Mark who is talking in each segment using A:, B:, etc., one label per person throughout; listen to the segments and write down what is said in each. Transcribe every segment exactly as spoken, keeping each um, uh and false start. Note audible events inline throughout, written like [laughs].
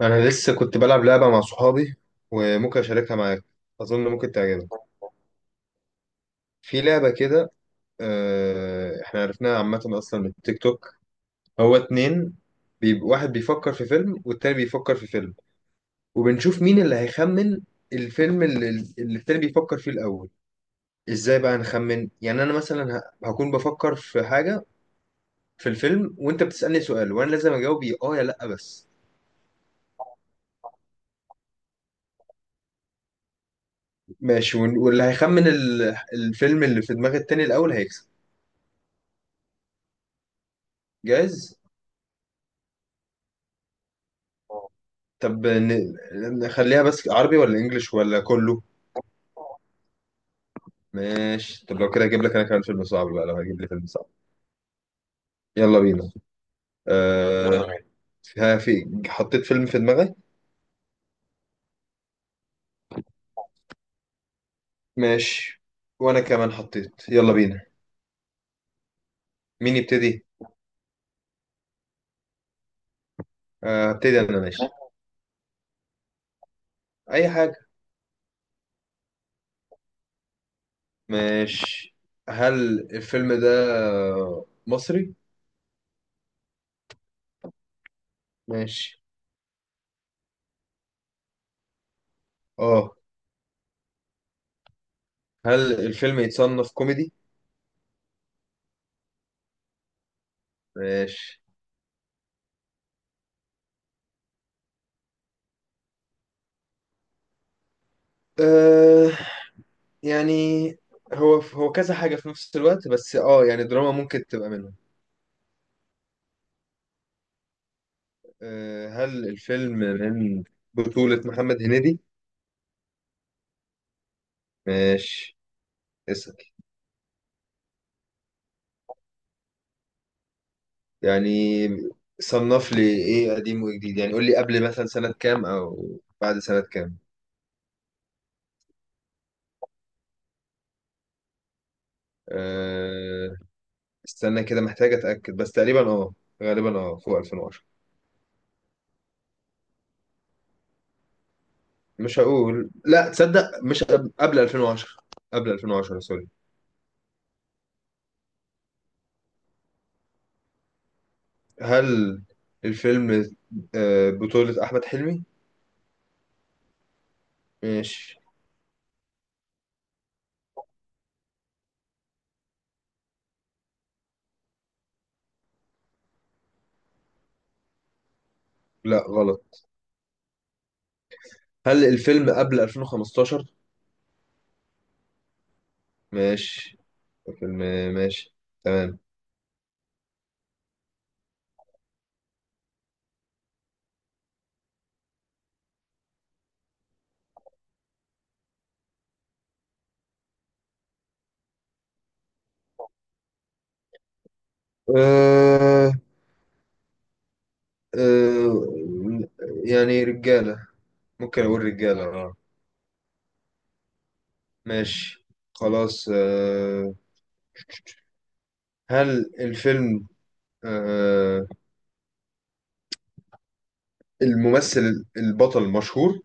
A: انا لسه كنت بلعب لعبه مع صحابي وممكن اشاركها معاك. اظن ممكن تعجبك. في لعبه كده. آه، احنا عرفناها عامه اصلا من التيك توك. هو اتنين. بيب... واحد بيفكر في فيلم والتاني بيفكر في فيلم، وبنشوف مين اللي هيخمن الفيلم اللي, اللي التاني بيفكر فيه الاول. ازاي بقى نخمن؟ يعني انا مثلا ه... هكون بفكر في حاجه في الفيلم، وانت بتسالني سؤال وانا لازم اجاوب يا اه يا لا بس. ماشي، وال- واللي هيخمن ال... الفيلم اللي في دماغ التاني الاول هيكسب. جاهز. طب ن- نخليها بس عربي ولا انجليش ولا كله؟ ماشي، طب لو كده اجيب لك انا كمان فيلم صعب بقى لو هجيب لي فيلم صعب. يلا بينا، يلا. أه... بينا. ها، في، حطيت فيلم في دماغي. ماشي، وانا كمان حطيت. يلا بينا. مين يبتدي؟ آه، هبتدي انا. ماشي. اي حاجة. ماشي، هل الفيلم ده مصري؟ ماشي. اه. هل الفيلم يتصنف كوميدي؟ ماشي. آه، يعني هو هو كذا حاجة في نفس الوقت، بس اه يعني دراما ممكن تبقى منهم. آه، هل الفيلم من بطولة محمد هنيدي؟ ماشي. اسأل. يعني صنف لي ايه قديم وجديد؟ يعني قول لي قبل مثلا سنة كام او بعد سنة كام. أه، استنى كده، محتاج اتأكد. بس تقريبا اه غالبا اه فوق ألفين وعشرة. مش هقول لا تصدق، مش قبل قبل ألفين وعشرة. قبل ألفين وعشرة سوري. هل الفيلم آه، بطولة أحمد حلمي؟ ماشي. لا غلط. هل الفيلم قبل ألفين وخمستاشر؟ ماشي. الفيلم. ماشي. تمام. أه. أه. يعني رجالة. ممكن أقول رجالة اه. ماشي. خلاص أه. هل الفيلم، أه، الممثل البطل مشهور؟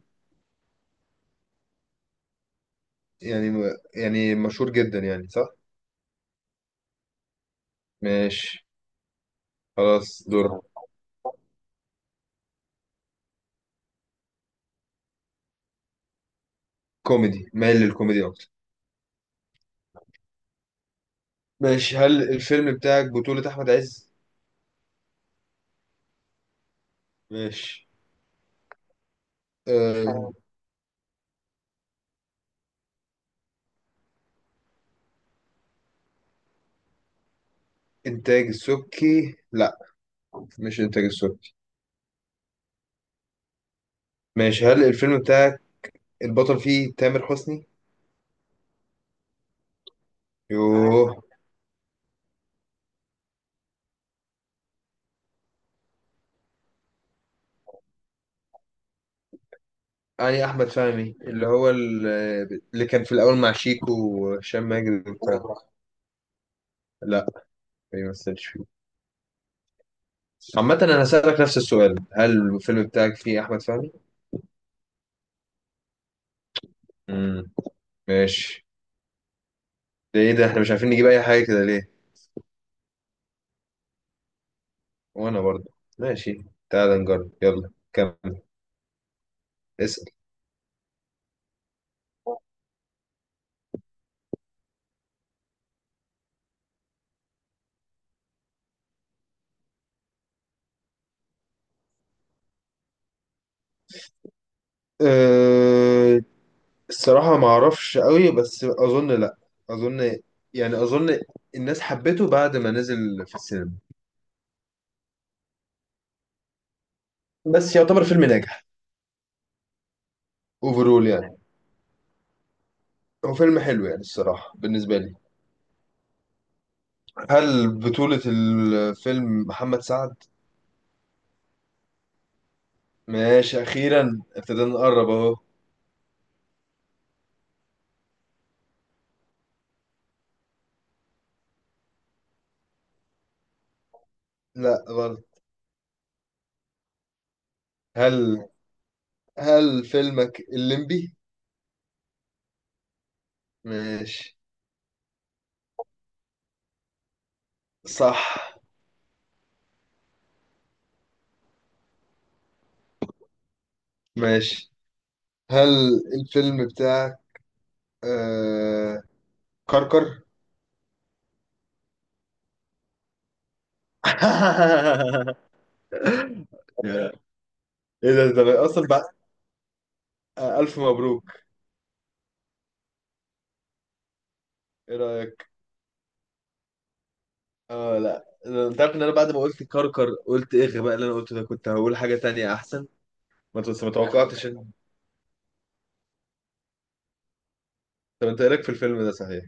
A: يعني، يعني مشهور جدا يعني، صح؟ ماشي. خلاص دور. كوميدي، مايل للكوميدي أكتر. ماشي، هل الفيلم بتاعك بطولة أحمد عز؟ ماشي. أه. إنتاج السبكي؟ لا، مش إنتاج السبكي. ماشي، هل الفيلم بتاعك البطل فيه تامر حسني؟ يوه. يعني أحمد فهمي اللي هو ال- اللي كان في الأول مع شيكو وهشام ماجد وبتاع. لا، ما يمثلش فيه. عامة أنا هسألك نفس السؤال، هل الفيلم بتاعك فيه أحمد فهمي؟ امم. ماشي. ده إيه ده، إحنا مش عارفين نجيب أي حاجة كده ليه؟ وأنا برضه. ماشي. تعال نجرب، يلا كمل. اسأل. أه... الصراحة ما اعرفش قوي، بس اظن لا. اظن، يعني اظن الناس حبته بعد ما نزل في السينما. بس يعتبر فيلم ناجح اوفرول يعني. هو فيلم حلو يعني، الصراحة بالنسبة لي. هل بطولة الفيلم محمد سعد؟ ماشي، أخيرا ابتدينا نقرب أهو. لا غلط. هل، هل فيلمك الليمبي؟ ماشي. صح. ماشي. هل الفيلم بتاعك، آه... كركر؟ [laughs] ايه ده، ده انا اصلا بقى، آه، الف مبروك. ايه رايك؟ اه لا، أنا- انت عارف ان انا بعد ما قلت كركر قلت ايه الغباء اللي انا قلته ده، كنت هقول حاجه تانية احسن. ما ت- ما توقعتش إن- طب انت ايه رايك في الفيلم ده صحيح؟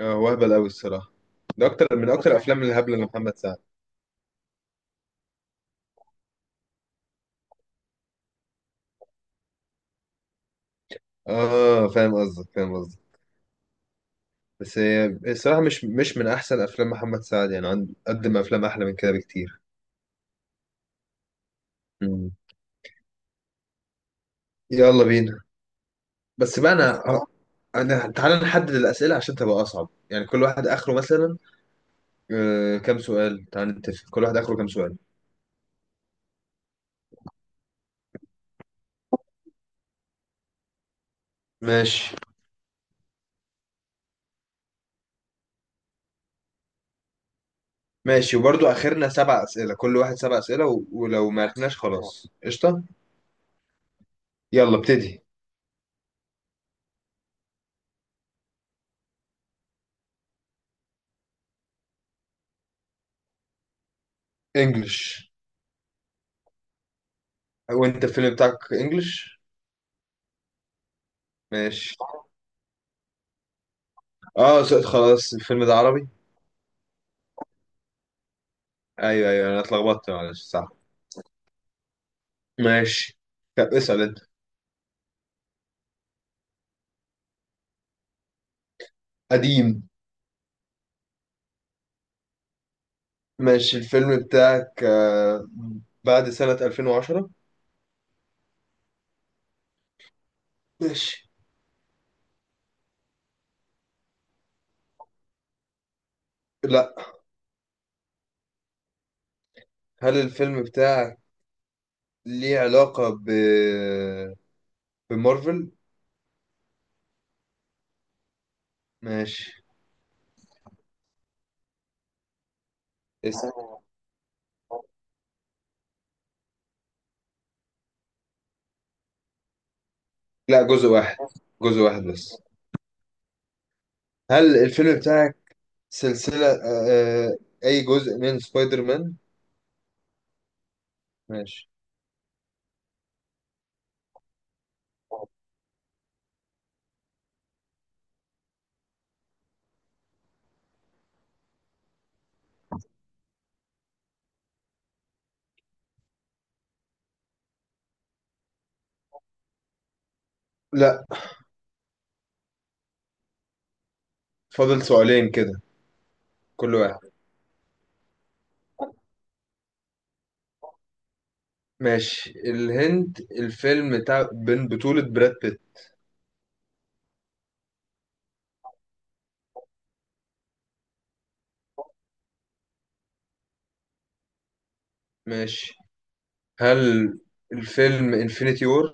A: اه هو اهبل قوي الصراحه. ده اكتر من اكتر الافلام الهبله لمحمد سعد. اه، فاهم قصدك، فاهم قصدك. بس هي الصراحه مش مش من احسن افلام محمد سعد يعني، عند قدم افلام احلى من كده بكتير. مم. يلا بينا. بس بقى انا، أنا- تعالى نحدد الاسئله عشان تبقى اصعب، يعني كل واحد اخره مثلا آه، كام سؤال. تعال نتفق كل واحد اخره كام سؤال. ماشي. ماشي، وبرضو اخرنا سبع اسئله، كل واحد سبع اسئله، و... ولو ما عرفناش خلاص قشطه. يلا ابتدي. انجلش. وانت الفيلم بتاعك انجلش؟ ماشي. اه س- خلاص الفيلم ده عربي. ايوه ايوه، انا اتلخبطت معلش، صح. ماشي. طب اسال انت. قديم. ماشي، الفيلم بتاعك آه، بعد سنه ألفين وعشرة. ماشي. لا. هل الفيلم بتاعك ليه علاقه ب بمارفل؟ ماشي. اسم. لا، جزء واحد. جزء واحد بس. هل الفيلم بتاعك سلسلة، آه آه، أي جزء من سبايدر مان؟ ماشي. لا. فاضل سؤالين كده. كل واحد. ماشي. الهند الفيلم بتاع بين بطولة براد بيت. ماشي. هل الفيلم انفينيتي وور؟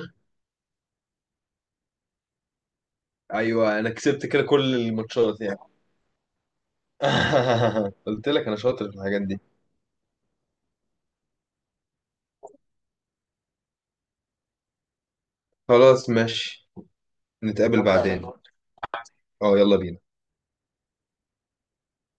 A: أيوة، أنا كسبت كده كل الماتشات يعني. [laughs] قلت لك أنا شاطر في الحاجات دي. خلاص ماشي. نتقابل بعدين. اه يلا بينا.